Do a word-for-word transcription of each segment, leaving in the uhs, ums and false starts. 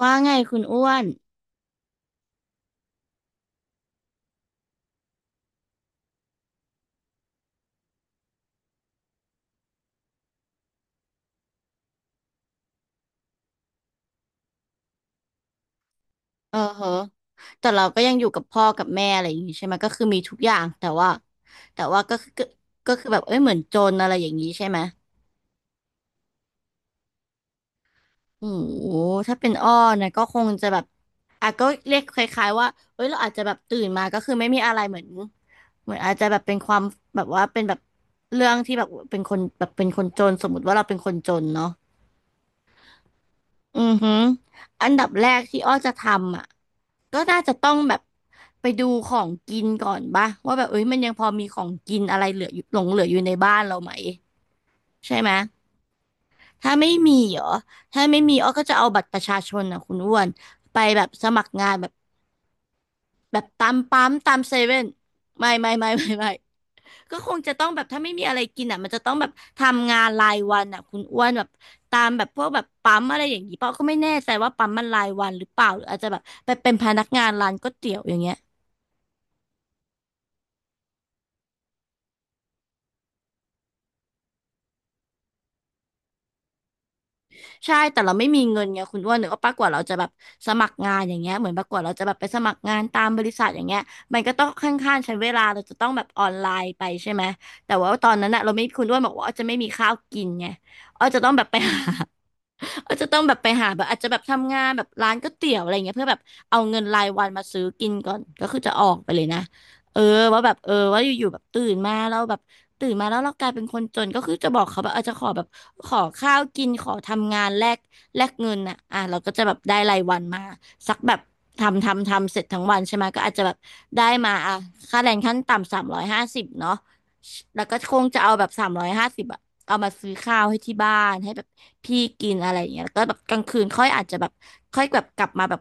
ว่าไงคุณอ้วนเออเหอะแต่เราก็ยังอยู่กับพ่อกับแม่อะไรอย่างงี้ใช่ไหมก็คือมีทุกอย่างแต่ว่าแต่ว่าก็คือก็ก็คือแบบเอ้ยเหมือนจนอะไรอย่างนี้ใช่ไหมโอ้โหถ้าเป็นอ้อนะก็คงจะแบบอ่ะก็เรียกคล้ายๆว่าเอ้ยเราอาจจะแบบตื่นมาก็คือไม่มีอะไรเหมือนเหมือนอาจจะแบบเป็นความแบบว่าเป็นแบบเรื่องที่แบบเป็นคนแบบเป็นคนจนสมมติว่าเราเป็นคนจนเนาะ อือหืออันดับแรกที่อ้อจะทำอ่ะก็น่าจะต้องแบบไปดูของกินก่อนป่ะว่าแบบเอ้ยมันยังพอมีของกินอะไรเหลืออยู่หลงเหลืออยู่ในบ้านเราไหมใช่ไหมถ้าไม่มีเหรอถ้าไม่มีอ้อก็จะเอาบัตรประชาชนอ่ะคุณอ้วนไปแบบสมัครงานแบบแบบตามปั๊มตามเซเว่นไม่ไม่ไม่ไม่ไม่ ก็คงจะต้องแบบถ้าไม่มีอะไรกินอ่ะมันจะต้องแบบทำงานรายวันอ่ะคุณอ้วนแบบตามแบบพวกแบบปั๊มอะไรอย่างนี้เปล่าก็ไม่แน่ใจว่าปั๊มมันรายวันหรือเปล่าหรืออาจจะแบบไปเป็นพนักงานร้านก๋วยเตี๋ยวอย่างเงี้ย ใช่ แต่เราไม่มีเงินไงคุณอ้วนหรือว่าปะกว่าเราจะแบบสมัครงานอย่างเงี้ยเหมือนปะกว่าเราจะแบบไปสมัครงานตามบริษัทอย่างเงี้ยมันก็ต้องค่อนข้างใช้เวลาเราจะต้องแบบออนไลน์ไปใช่ไหมแต่ว่าตอนนั้นอะเราไม่คุณอ้วนบอกว่าอ้อจะไม่มีข้าวกินไงอ้อจะต้องแบบไปหา อ้อจะต้องแบบไปหาแบบอาจจะแบบทำงานแบบร้านก๋วยเตี๋ยวอะไรเงี้ยเพื่อแบบเอาเงินรายวันมาซื้อกินก่อนก็คือจะออกไปเลยนะเออว่าแบบเออว่าอยู่ๆแบบตื่นมาแล้วแบบ ตื่นมาแล้วเรากลายเป็นคนจนก็คือจะบอกเขาแบบอาจจะขอแบบขอข้าวกินขอทำงานแลกแลกเงินอ่ะอ่ะเราก็จะแบบได้รายวันมาสักแบบทำทำทำเสร็จทั้งวันใช่ไหมก็อาจจะแบบได้มาอ่ะค่าแรงขั้นต่ำสามร้อยห้าสิบเนาะแล้วก็คงจะเอาแบบสามร้อยห้าสิบอ่ะเอามาซื้อข้าวให้ที่บ้านให้แบบ พี่กินอะไรอย่างเงี้ยแล้วก็แบบกลางคืนค่อยอาจจะแบบค่อยแบบกลับมาแบบ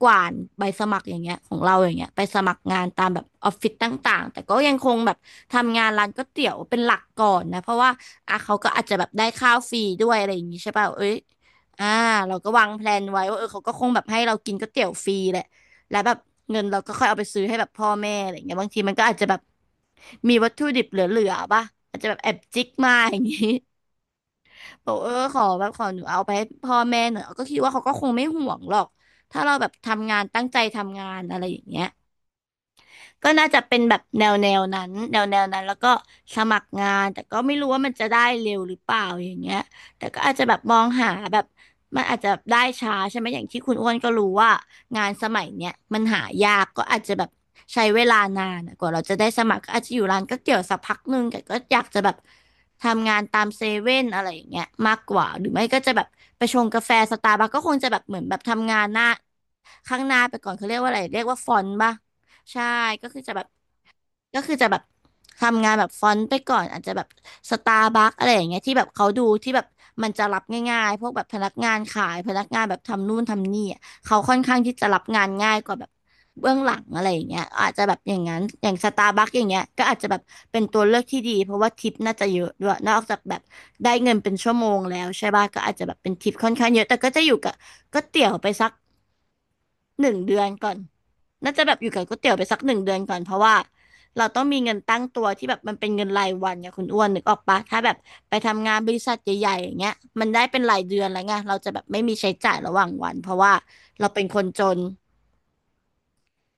กวาดใบสมัครอย่างเงี้ยของเราอย่างเงี้ยไปสมัครงานตามแบบออฟฟิศต่างๆแต่ก็ยังคงแบบทำงานร้านก๋วยเตี๋ยวเป็นหลักก่อนนะเพราะว่าอ่ะเขาก็อาจจะแบบได้ข้าวฟรีด้วยอะไรอย่างงี้ใช่ป่ะเอ้ยอ่าเราก็วางแพลนไว้ว่าเออเขาก็คงแบบให้เรากินก๋วยเตี๋ยวฟรีแหละแล้วแบบเงินเราก็ค่อยเอาไปซื้อให้แบบพ่อแม่อะไรอย่างเงี้ยบางทีมันก็อาจจะแบบมีวัตถุดิบเหลือๆป่ะอาจจะแบบแอบจิกมาอย่างงี้ บอกเออขอแบบขอหนูเอาไปให้พ่อแม่หน่อยก็คิดว่าเขาก็คงไม่ห่วงหรอกถ้าเราแบบทำงานตั้งใจทำงานอะไรอย่างเงี้ย ก็น่าจะเป็นแบบแนวแนวนั้นแนวแนวนั้นแล้วก็สมัครงานแต่ก็ไม่รู้ว่ามันจะได้เร็วหรือเปล่าอย่างเงี้ยแต่ก็อาจจะแบบมองหาแบบมันอาจจะได้ช้าใช่ไหมอย่างที่คุณอ้วนก็รู้ว่างานสมัยเนี้ยมันหายากก็อาจจะแบบใช้เวลานานอะกว่าเราจะได้สมัครก็อาจจะอยู่ร้านก๋วยเตี๋ยวสักพักหนึ่งแต่ก็อยากจะแบบทำงานตามเซเว่นอะไรอย่างเงี้ยมากกว่าหรือไม่ก็จะแบบไปชงกาแฟสตาร์บัคก็คงจะแบบเหมือนแบบทำงานหน้าข้างหน้าไปก่อนเขาเรียกว่าอะไรเรียกว่าฟอนต์ป่ะ ใช่ก็คือจะแบบก็คือจะแบบทำงานแบบฟอนต์ไปก่อนอาจจะแบบสตาร์บัคอะไรอย่างเงี้ยที่แบบเขาดูที่แบบมันจะรับง่ายๆพวกแบบพนักงานขายพนักงานแบบทำนู่นทำนี่อะเขาค่อนข้างที่จะรับงานง่ายกว่าแบบเบื้องหลังอะไรอย่างเงี้ยอาจจะแบบอย่างนั้นอย่างสตาร์บัคอย่างเงี้ยก็อาจจะแบบเป็นตัวเลือกที่ดีเพราะว่าทิปน่าจะเยอะด้วยนอกจากแบบได้เงินเป็นชั่วโมงแล้วใช่ป่ะก็อาจจะแบบเป็นทิปค่อนข้างเยอะแต่ก็จะอยู่กับก๋วยเตี๋ยวไปสัก หนึ่งเดือนก่อนน่าจะแบบอยู่กับก๋วยเตี๋ยวไปสักหนึ่งเดือนก่อนเพราะว่าเราต้องมีเงินตั้งตัวที่แบบมันเป็นเงินรายวันไงคุณอ้วนนึกออกปะถ้าแบบไปทำงานบริษัทใหญ่ๆอย่างเงี้ยมันได้เป็นรายเดือนแล้วไงเราจะแบบไม่มีใช้จ่ายระหว่างวันเพราะว่าเราเป็นคนจน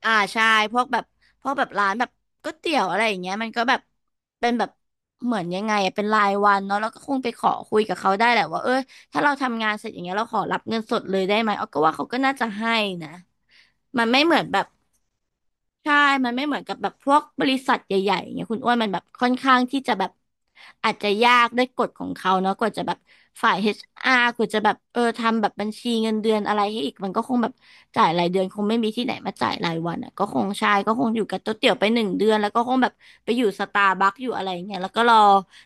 อ่าใช่พวกแบบพวกแบบร้านแบบก๋วยเตี๋ยวอะไรอย่างเงี้ยมันก็แบบเป็นแบบเหมือนยังไงอะเป็นรายวันเนาะแล้วก็คงไปขอคุยกับเขาได้แหละว่าเออ ถ้าเราทำงานเสร็จอย่างเงี้ยเราขอรับเงินสดเลยได้ไหมออกก็ว่าเขาก็น่าจะให้นะมันไม่เหมือนแบบใช่มันไม่เหมือนกับแบบพวกบริษัทใหญ่ๆอย่างเงี้ยคุณอ้วนมันแบบค่อนข้างที่จะแบบอาจจะยากด้วยกฎของเขาเนาะกว่าจะแบบฝ่าย เอช อาร์ กว่าจะแบบเออทำแบบบัญชีเงินเดือนอะไรให้อีกมันก็คงแบบจ่ายรายเดือนคงไม่มีที่ไหนมาจ่ายรายวันอ่ะก็คงใช่ก็คงอยู่กับโต๊ะเตี๋ยวไปหนึ่งเดือนแล้วก็คงแบบไปอยู่สตาร์บัคอยู่อะไรอย่างเงี้ยแล้วก็รอ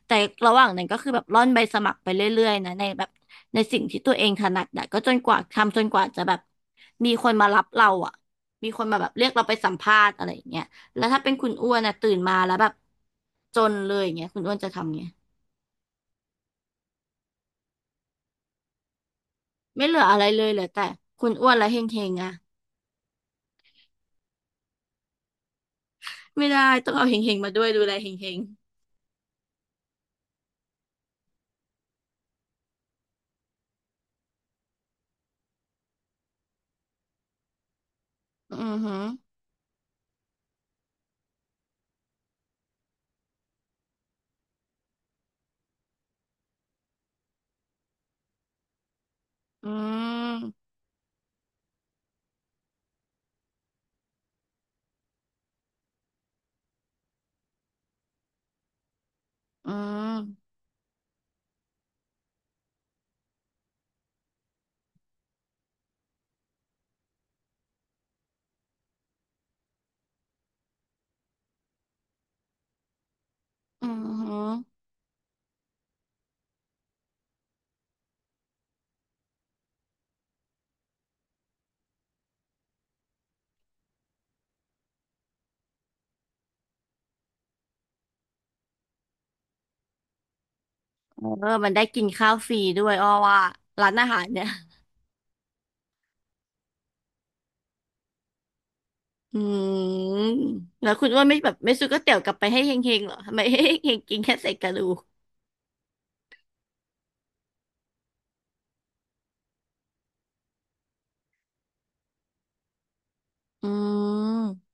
แต่ระหว่างนั้นก็คือแบบร่อนใบสมัครไปเรื่อยๆนะในแบบ ในสิ่งที่ตัวเองถนัดอะก็จนกว่าทำจนกว่าจะแบบมีคนมารับเราอะมีคนมาแบบเรียกเราไปสัมภาษณ์อะไรอย่างเงี้ยแล้วถ้าเป็นคุณอ้วนอะตื่นมาแล้วแบบจนเลยอย่างเงี้ยคุณอ้วนจะทำไงไม่เหลืออะไรเลยเหลือแต่คุณอ้วนและเฮงเฮงอะไม่ได้ต้องเอาเฮงเฮงมาด้วยดูแลเฮงเฮงอือหืออืมอืมอือหือเออมันได้กินข้าวฟรีด้วยอ้อว่าร้านอาหารเนี่ย อืมแล้วคุณว่าไม่แบบไม่ซื้อก๋วยเตี๋ยวกลับไปให้เฮงๆเหรอทำไมให้เฮงๆกินแค่เศษกระดูกอืม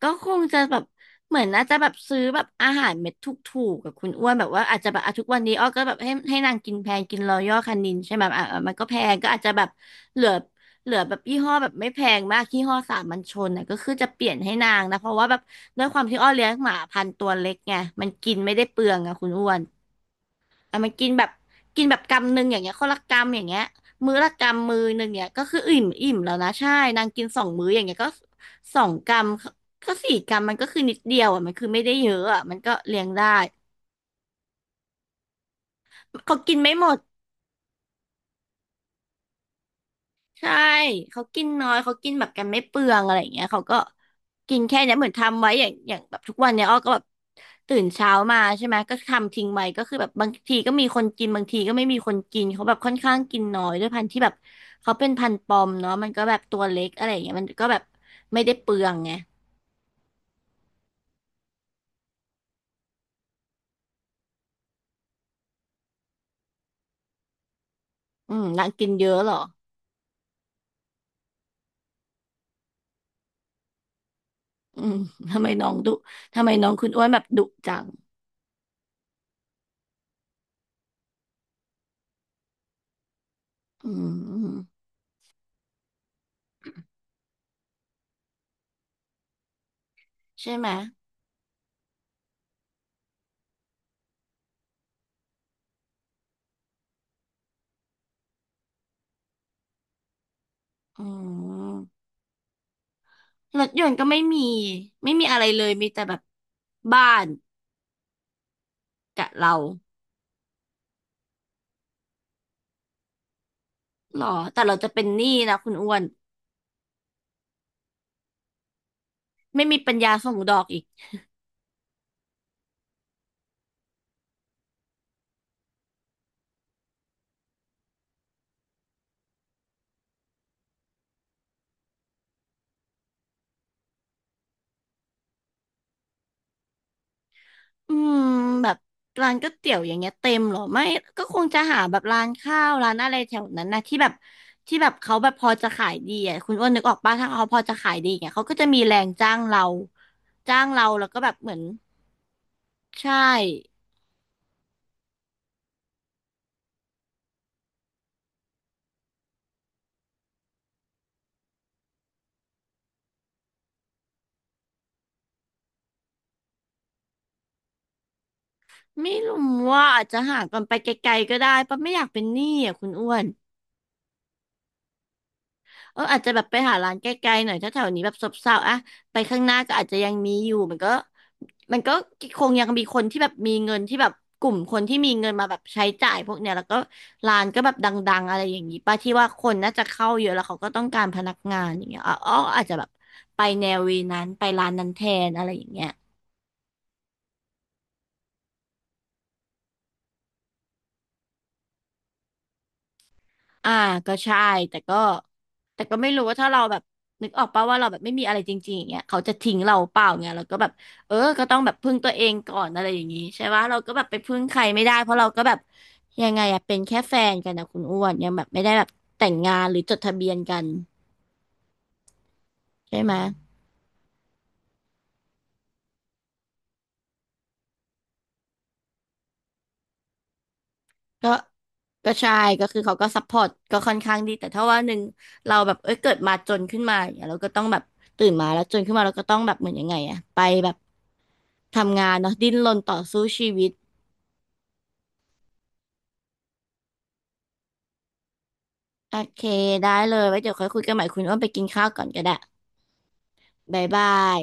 ก็คงจะแบบเหมือนน่าจะแบบซื้อแบบอาหารเม็ดถูกๆกับคุณอ้วนแบบว่าอาจจะแบบอ่ะทุกวันนี้อ้อก็แบบให้ให้นางกินแพงกินรอยัลคานินใช่ไหมอ่ะอ่ะมันก็แพงก็อาจจะแบบเหลือเหลือแบบยี่ห้อแบบไม่แพงมากยี่ห้อสามัญชนน่ะก็คือจะเปลี่ยนให้นางนะเพราะว่าแบบด้วยความที่อ้อเลี้ยงหมาพันธุ์ตัวเล็กไงมันกินไม่ได้เปลืองอะคุณอ้วน อ่ะมันกินแบบกินแบบกำหนึ่งอย่างเงี้ยคนละกำอย่างเงี้ยมื้อละกำมือหนึ่งเนี่ยก็คืออิ่มอิ่มแล้วนะใช่นางกินสองมื้ออย่างเงี้ยก็สองกำก็สี่กำมันก็คือนิดเดียวอ่ะมันคือไม่ได้เยอะอ่ะมันก็เลี้ยงได้เขากินไม่หมด ใช่ เขากินน้อย เขากินแบบกันไม่เปลืองอะไรอย่างเงี้ยเขาก็กินแค่เนี้ยเหมือนทำไว้อย่างอย่างแบบทุกวันเนี้ยอ้อก็แบบตื่นเช้ามาใช่ไหมก็ทำทิ้งไว้ก็คือแบบบางทีก็มีคนกินบางทีก็ไม่มีคนกินเขาแบบค่อนข้างกินน้อยด้วยพันธุ์ที่แบบเขาเป็นพันธุ์ปอมเนาะมันก็แบบตัวเล็กอะไรอย่างเงี้ยมันก็แบบไม่ได้เปลืองไงอืมนางกินเยอะเหรออืมทำไมน้องดุทำไมน้องคุณอ้วนแบบดุจังอืมใช่ไหมอืม รถยนต์ก็ไม่มีไม่มีอะไรเลยมีแต่แบบบ้านกับเราหรอแต่เราจะเป็นหนี้นะคุณอ้วนไม่มีปัญญาส่งดอกอีกอืมแบบร้านก๋วยเตี๋ยวอย่างเงี้ยเต็มหรอไม่ก็คงจะหาแบบร้านข้าวร้านอะไรแถวนั้นนะที่แบบที่แบบเขาแบบพอจะขายดีอ่ะคุณอ้วนนึกออกป่ะถ้าเขาพอจะขายดีอย่างเงี้ยเขาก็จะมีแรงจ้างเราจ้างเราแล้วก็แบบเหมือนใช่ไม่รู้ว่าอาจจะหาก่อนไปไกลๆก็ได้ปะไม่อยากเป็นหนี้อ่ะคุณอ้วน เอออาจจะแบบไปหาร้านใกล้ๆหน่อยถ้าแถวนี้แบบซบเซาอะไปข้างหน้าก็อาจจะยังมีอยู่มันก็มันก็คงยังมีคนที่แบบมีเงินที่แบบกลุ่มคนที่มีเงินมาแบบใช้จ่ายพวกเนี้ยแล้วก็ร้านก็แบบดังๆอะไรอย่างนี้ป้าที่ว่าคนน่าจะเข้าเยอะแล้วเขาก็ต้องการพนักงานอย่างเงี้ยอ๋ออาจจะแบบไปแนววีนั้นไปร้านนั้นแทนอะไรอย่างเงี้ย อ่าก็ใช่แต่ก็แต่ก็ไม่รู้ว่าถ้าเราแบบนึกออกป่าว่าเราแบบไม่มีอะไรจริงๆอย่างเงี้ยเขาจะทิ้งเราเปล่าเงี้ยเราก็แบบเออก็ต้องแบบพึ่งตัวเองก่อนอะไรอย่างงี้ใช่ปะเราก็แบบไปพึ่งใครไม่ได้เพราะเราก็แบบยังไงอะเป็นแค่แฟนกันนะคุณอ้วนยังแบบไม่ได้แบบแต่งงานหรือจดทะเบียนกันใช่ไหม ก็ก็ใช่ก็คือเขาก็ซัพพอร์ตก็ค่อนข้างดีแต่ถ้าว่าหนึ่งเราแบบเอ้ยเกิดมาจนขึ้นมาอย่างเงี้ยเราก็ต้องแบบตื่นมาแล้วจนขึ้นมาเราก็ต้องแบบเหมือนยังไงอะไปแบบทำงานเนาะดิ้นรนต่อสู้ชีวิตโอเคได้เลยไว้เดี๋ยวค่อยคุยกันใหม่คุณอ้วนไปกินข้าวก่อนก็ได้บ๊ายบาย